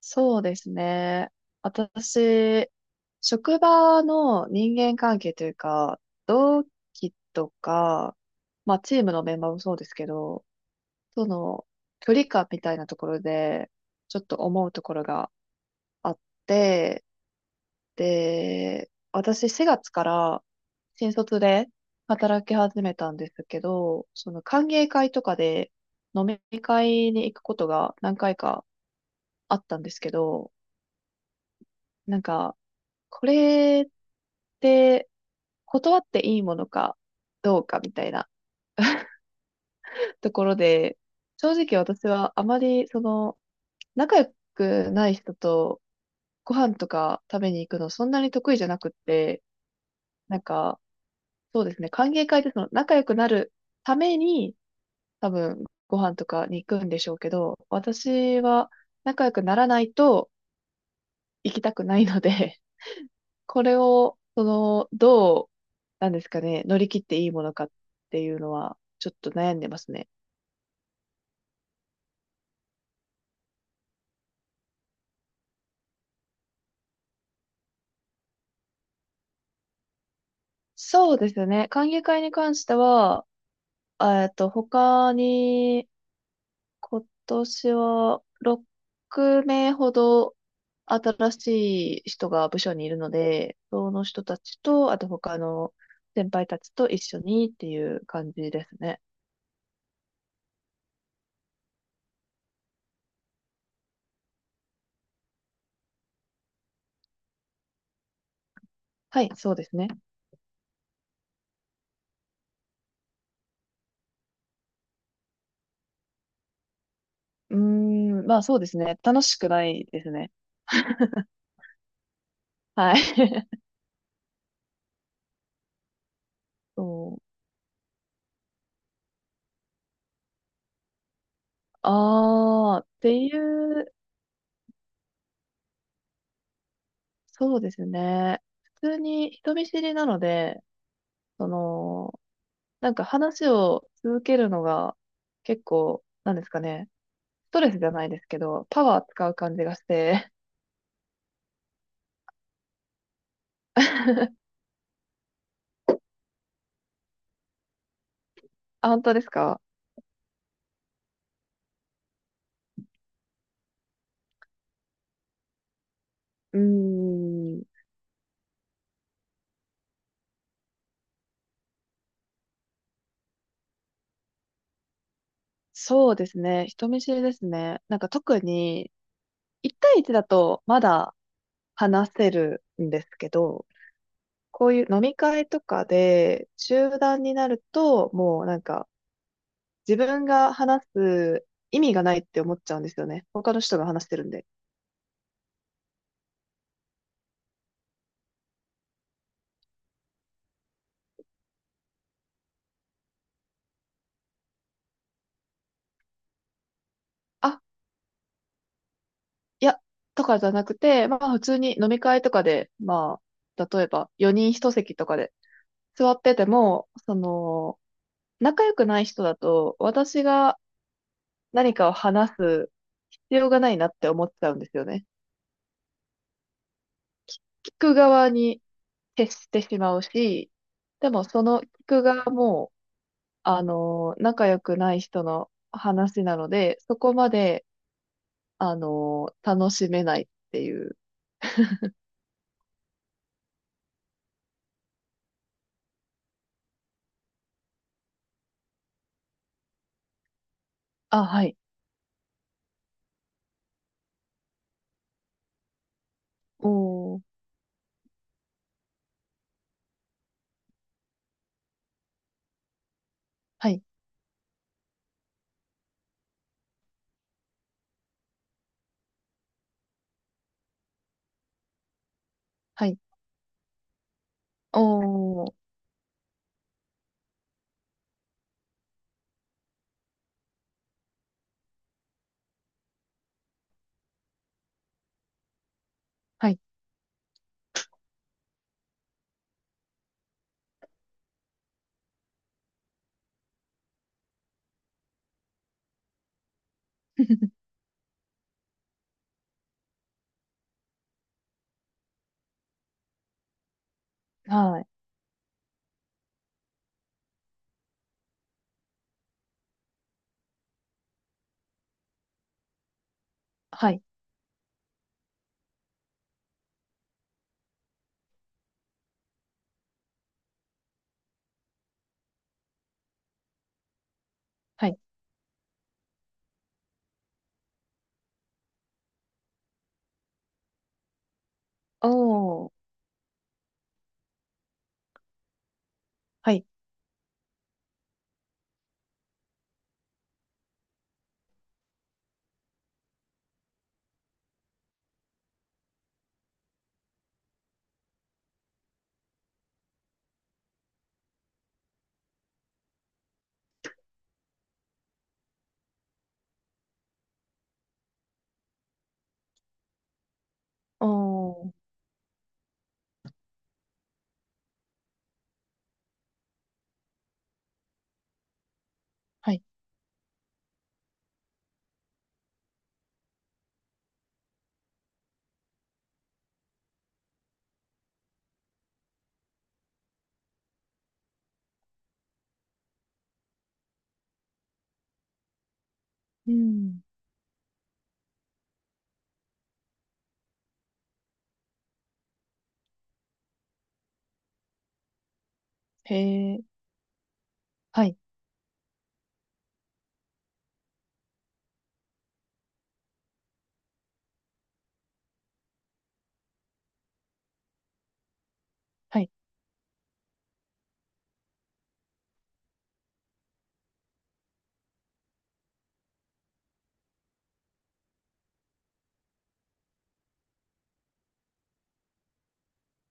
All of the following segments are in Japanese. そうですね。私、職場の人間関係というか、同期とか、まあチームのメンバーもそうですけど、その距離感みたいなところで、ちょっと思うところがあって、で、私4月から新卒で働き始めたんですけど、その歓迎会とかで飲み会に行くことが何回かあったんですけど、なんか、これって断っていいものかどうかみたいなところで、正直私はあまり仲良くない人とご飯とか食べに行くのそんなに得意じゃなくって、なんかそうですね、歓迎会でその仲良くなるために多分ご飯とかに行くんでしょうけど、私は仲良くならないと行きたくないのでこれを、その、どう、なんですかね、乗り切っていいものかっていうのは、ちょっと悩んでますね。そうですね。歓迎会に関しては、他に、今年は6名ほど新しい人が部署にいるので、その人たちと、あと他の先輩たちと一緒にっていう感じですね。はい、そうですね。うーまあそうですね。楽しくないですね。はい。そう。ああ、っていう、そうですね。普通に人見知りなので、その、話を続けるのが結構、なんですかね。ストレスじゃないですけど、パワー使う感じがして。あ、本当ですか？うーん。そうですね。人見知りですね。なんか特に、1対1だとまだ話せるんですけど、こういう飲み会とかで集団になると、もうなんか、自分が話す意味がないって思っちゃうんですよね。他の人が話してるんで。あ、いや、とかじゃなくて、まあ普通に飲み会とかで、まあ、例えば4人一席とかで座ってても、仲良くない人だと、私が何かを話す必要がないなって思っちゃうんですよね。聞く側に徹してしまうし、でもその聞く側も、仲良くない人の話なので、そこまで楽しめないっていう。あ、はい。おー、はい、はい。おー、はい、はい、はい、はい。おー、はい、おー、はい。うん、へー、はい、はい、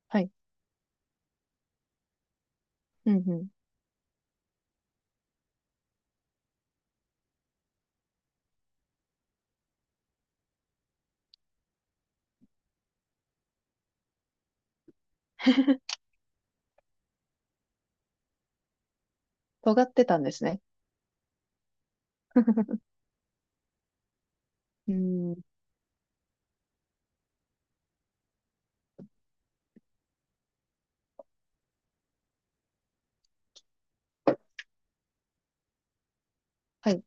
はい。うん、うん。尖ってたんですね。うん、はい、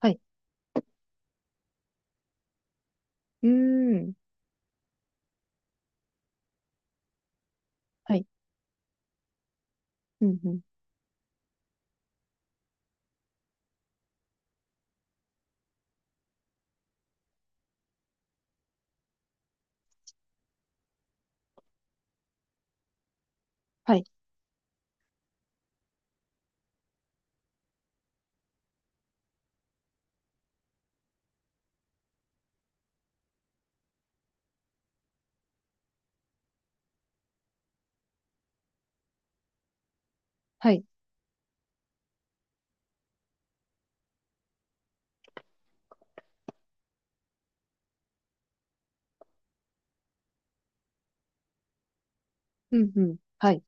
はい。うーん、はい、うん、うん、はい、はい、うん、うん、はい、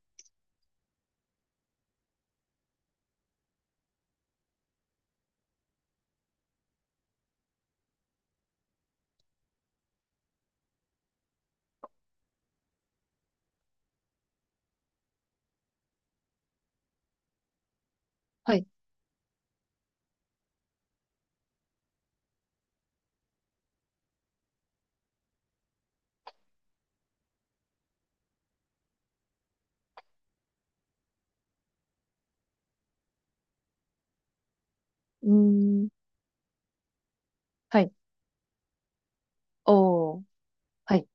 はい、うーん、はい、おー、はい、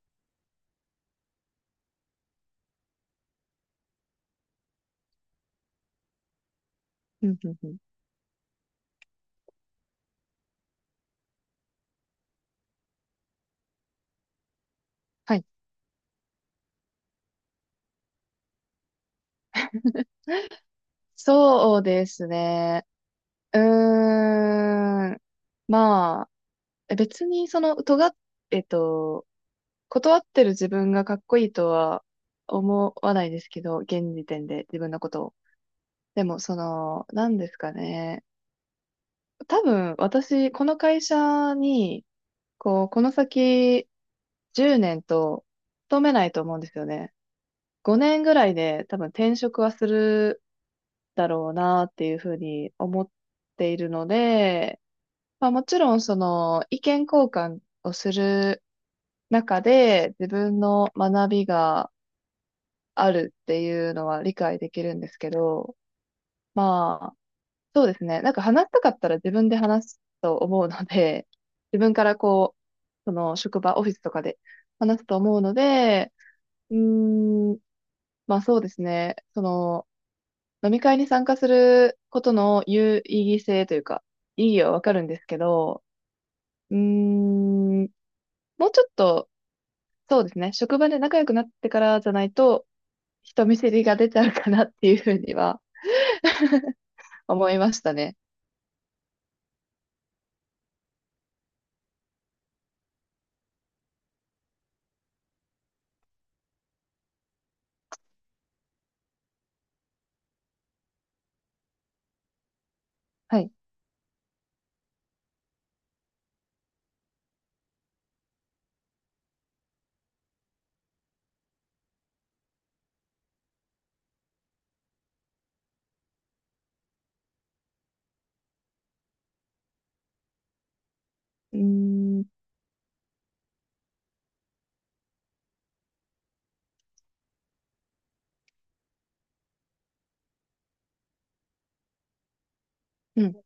うん、うん、うん。はい。そうですね。うーん。まあ、え別にその、尖っ、えっと、断ってる自分がかっこいいとは思わないですけど、現時点で自分のことを。でも、その、なんですかね。多分、私、この会社に、この先、10年と勤めないと思うんですよね。5年ぐらいで多分転職はするだろうなっていうふうに思っているので、まあ、もちろんその意見交換をする中で自分の学びがあるっていうのは理解できるんですけど、まあそうですね。なんか話したかったら自分で話すと思うので、自分からこう、その職場、オフィスとかで話すと思うので、うーん、まあそうですね。その飲み会に参加することの有意義性というか、意義はわかるんですけど、うーん、もうちょっとそうですね。職場で仲良くなってからじゃないと、人見知りが出ちゃうかなっていうふうには思いましたね。はい。うーん。うん